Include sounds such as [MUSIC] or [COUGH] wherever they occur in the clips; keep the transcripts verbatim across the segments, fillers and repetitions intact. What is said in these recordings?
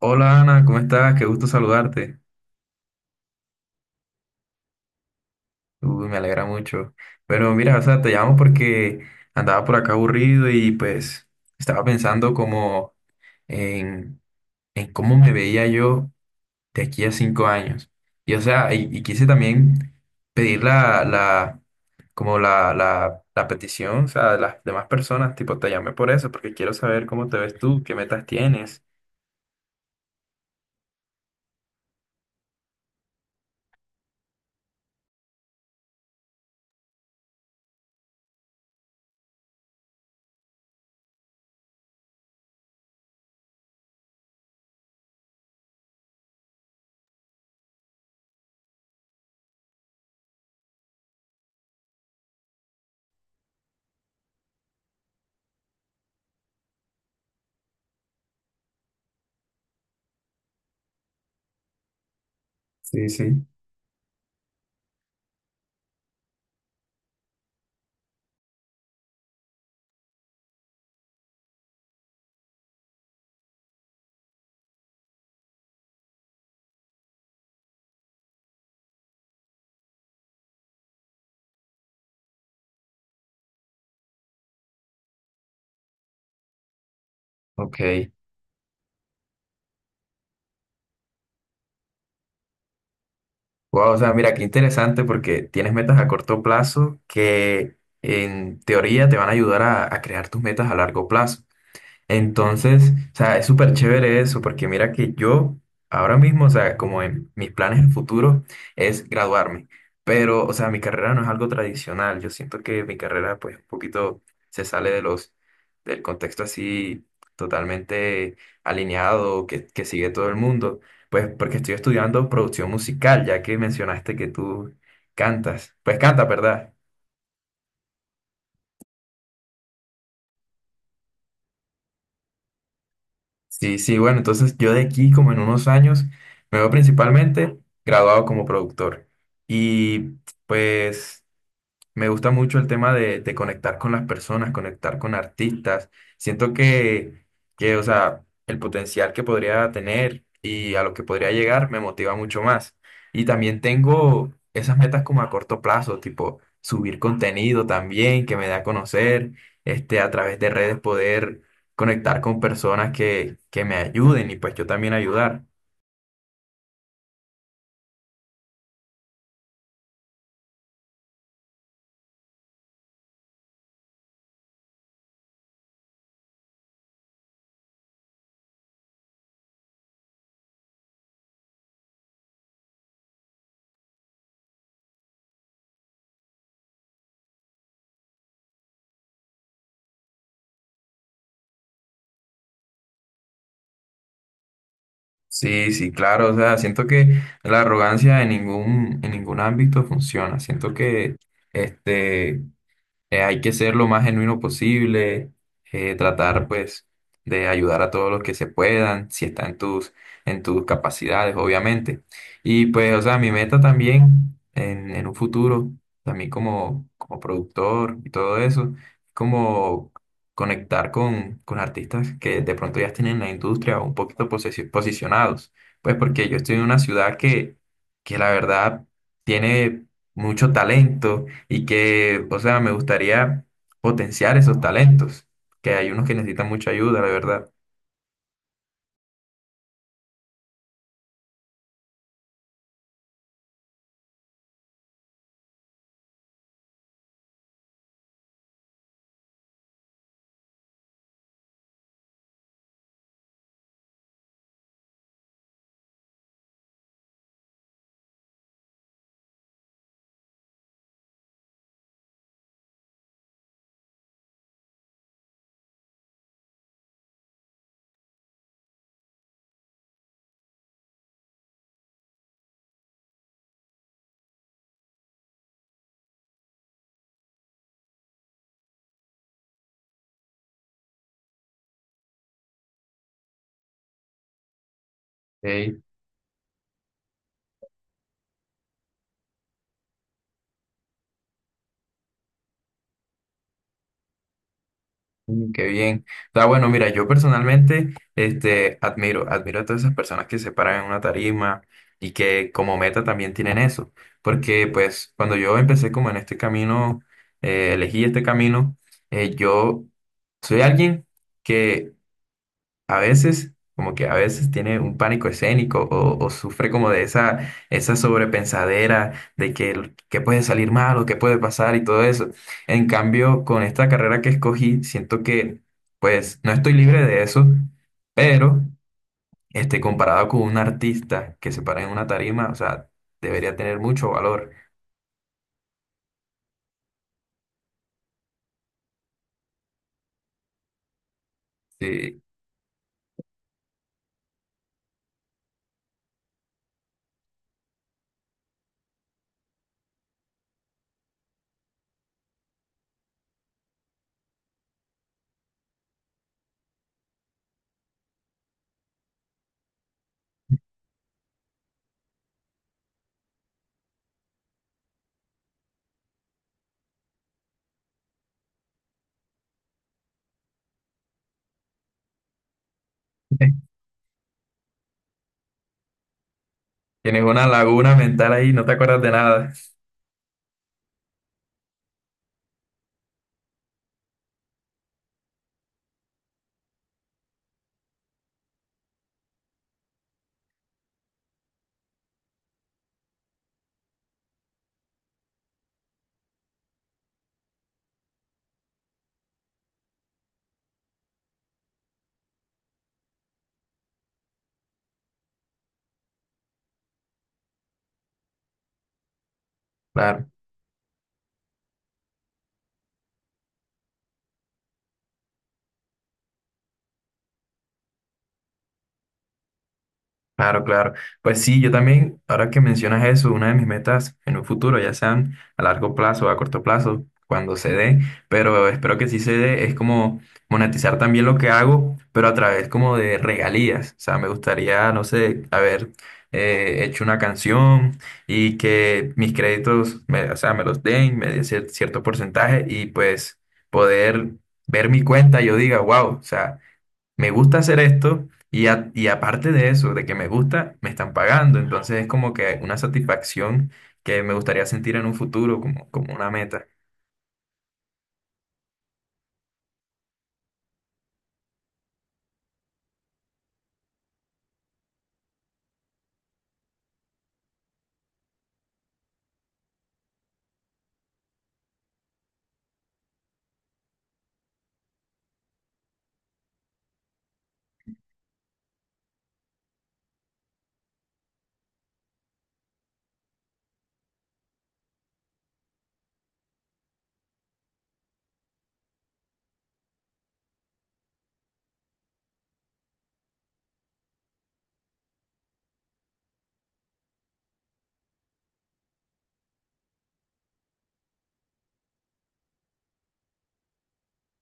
Hola Ana, ¿cómo estás? Qué gusto saludarte. Uy, me alegra mucho. Pero mira, o sea, te llamo porque andaba por acá aburrido y pues estaba pensando como en, en cómo me veía yo de aquí a cinco años. Y o sea, y, y quise también pedir la, la, como la, la, la petición, o sea, de las demás personas, tipo, te llamé por eso, porque quiero saber cómo te ves tú, qué metas tienes. Sí, sí. Ok. Wow, o sea, mira, qué interesante porque tienes metas a corto plazo que en teoría te van a ayudar a, a crear tus metas a largo plazo. Entonces, o sea, es súper chévere eso, porque mira que yo ahora mismo, o sea, como en mis planes en futuro es graduarme, pero, o sea, mi carrera no es algo tradicional, yo siento que mi carrera pues un poquito se sale de los, del contexto así totalmente alineado que, que sigue todo el mundo, pues porque estoy estudiando producción musical, ya que mencionaste que tú cantas, pues canta, ¿verdad? Sí, sí, bueno, entonces yo de aquí como en unos años me veo principalmente graduado como productor. Y pues... Me gusta mucho el tema de, de conectar con las personas, conectar con artistas. Siento que, que, o sea, el potencial que podría tener y a lo que podría llegar me motiva mucho más. Y también tengo esas metas como a corto plazo, tipo subir contenido también que me dé a conocer, este, a través de redes poder conectar con personas que, que me ayuden y pues yo también ayudar. Sí, sí, claro, o sea, siento que la arrogancia en ningún, en ningún ámbito funciona. Siento que este, eh, hay que ser lo más genuino posible, eh, tratar pues de ayudar a todos los que se puedan, si está en tus, en tus capacidades, obviamente. Y pues, o sea, mi meta también en, en un futuro, también como, como productor y todo eso, como conectar con, con artistas que de pronto ya estén en la industria un poquito posesi- posicionados. Pues porque yo estoy en una ciudad que, que la verdad tiene mucho talento y que, o sea, me gustaría potenciar esos talentos, que hay unos que necesitan mucha ayuda, la verdad. Ey. Mm, qué bien. O sea, bueno, mira, yo personalmente, este, admiro, admiro a todas esas personas que se paran en una tarima y que como meta también tienen eso, porque pues cuando yo empecé como en este camino, eh, elegí este camino, eh, yo soy alguien que a veces, como que a veces tiene un pánico escénico o, o sufre como de esa, esa sobrepensadera de que, que puede salir mal o que puede pasar y todo eso. En cambio, con esta carrera que escogí, siento que pues no estoy libre de eso, pero este, comparado con un artista que se para en una tarima, o sea, debería tener mucho valor. Si [LAUGHS] tienes una laguna mental ahí, no te acuerdas de nada. Claro. Claro, claro. Pues sí, yo también, ahora que mencionas eso, una de mis metas en un futuro, ya sean a largo plazo o a corto plazo, cuando se dé, pero espero que sí se dé, es como monetizar también lo que hago, pero a través como de regalías. O sea, me gustaría, no sé, haber eh, hecho una canción y que mis créditos, me, o sea, me los den, me den cier- cierto porcentaje y pues poder ver mi cuenta, yo diga, wow, o sea me gusta hacer esto y, a- y aparte de eso, de que me gusta, me están pagando. Entonces es como que una satisfacción que me gustaría sentir en un futuro como, como una meta.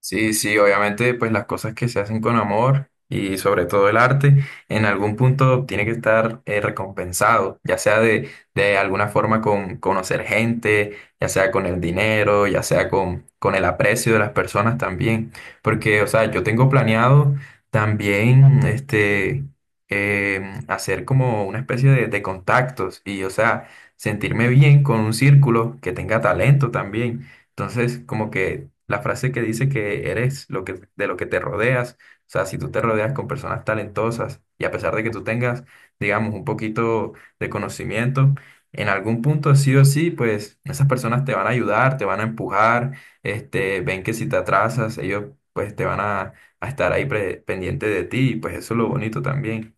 Sí, sí, obviamente, pues las cosas que se hacen con amor y sobre todo el arte, en algún punto tiene que estar eh, recompensado, ya sea de, de alguna forma con conocer gente, ya sea con el dinero, ya sea con, con el aprecio de las personas también. Porque, o sea, yo tengo planeado también este, eh, hacer como una especie de, de contactos y, o sea, sentirme bien con un círculo que tenga talento también. Entonces, como que la frase que dice que eres lo que, de lo que te rodeas, o sea, si tú te rodeas con personas talentosas y a pesar de que tú tengas, digamos, un poquito de conocimiento, en algún punto sí o sí, pues esas personas te van a ayudar, te van a empujar, este, ven que si te atrasas, ellos pues te van a, a estar ahí pre- pendiente de ti y pues eso es lo bonito también.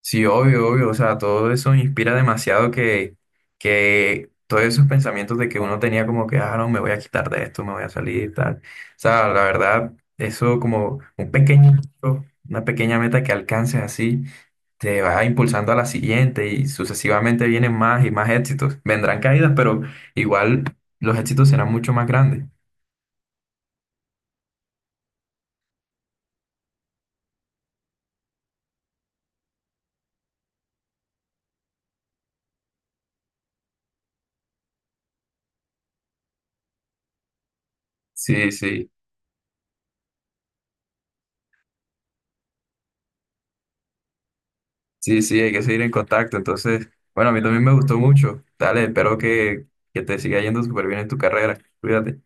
Sí, obvio, obvio, o sea, todo eso inspira demasiado que, que todos esos pensamientos de que uno tenía como que, ah, no, me voy a quitar de esto, me voy a salir, tal. O sea, la verdad, eso como un pequeño, logro, una pequeña meta que alcances así, te va impulsando a la siguiente y sucesivamente vienen más y más éxitos. Vendrán caídas, pero igual los éxitos serán mucho más grandes. Sí, sí. Sí, sí, hay que seguir en contacto. Entonces, bueno, a mí también me gustó mucho. Dale, espero que, que te siga yendo súper bien en tu carrera. Cuídate.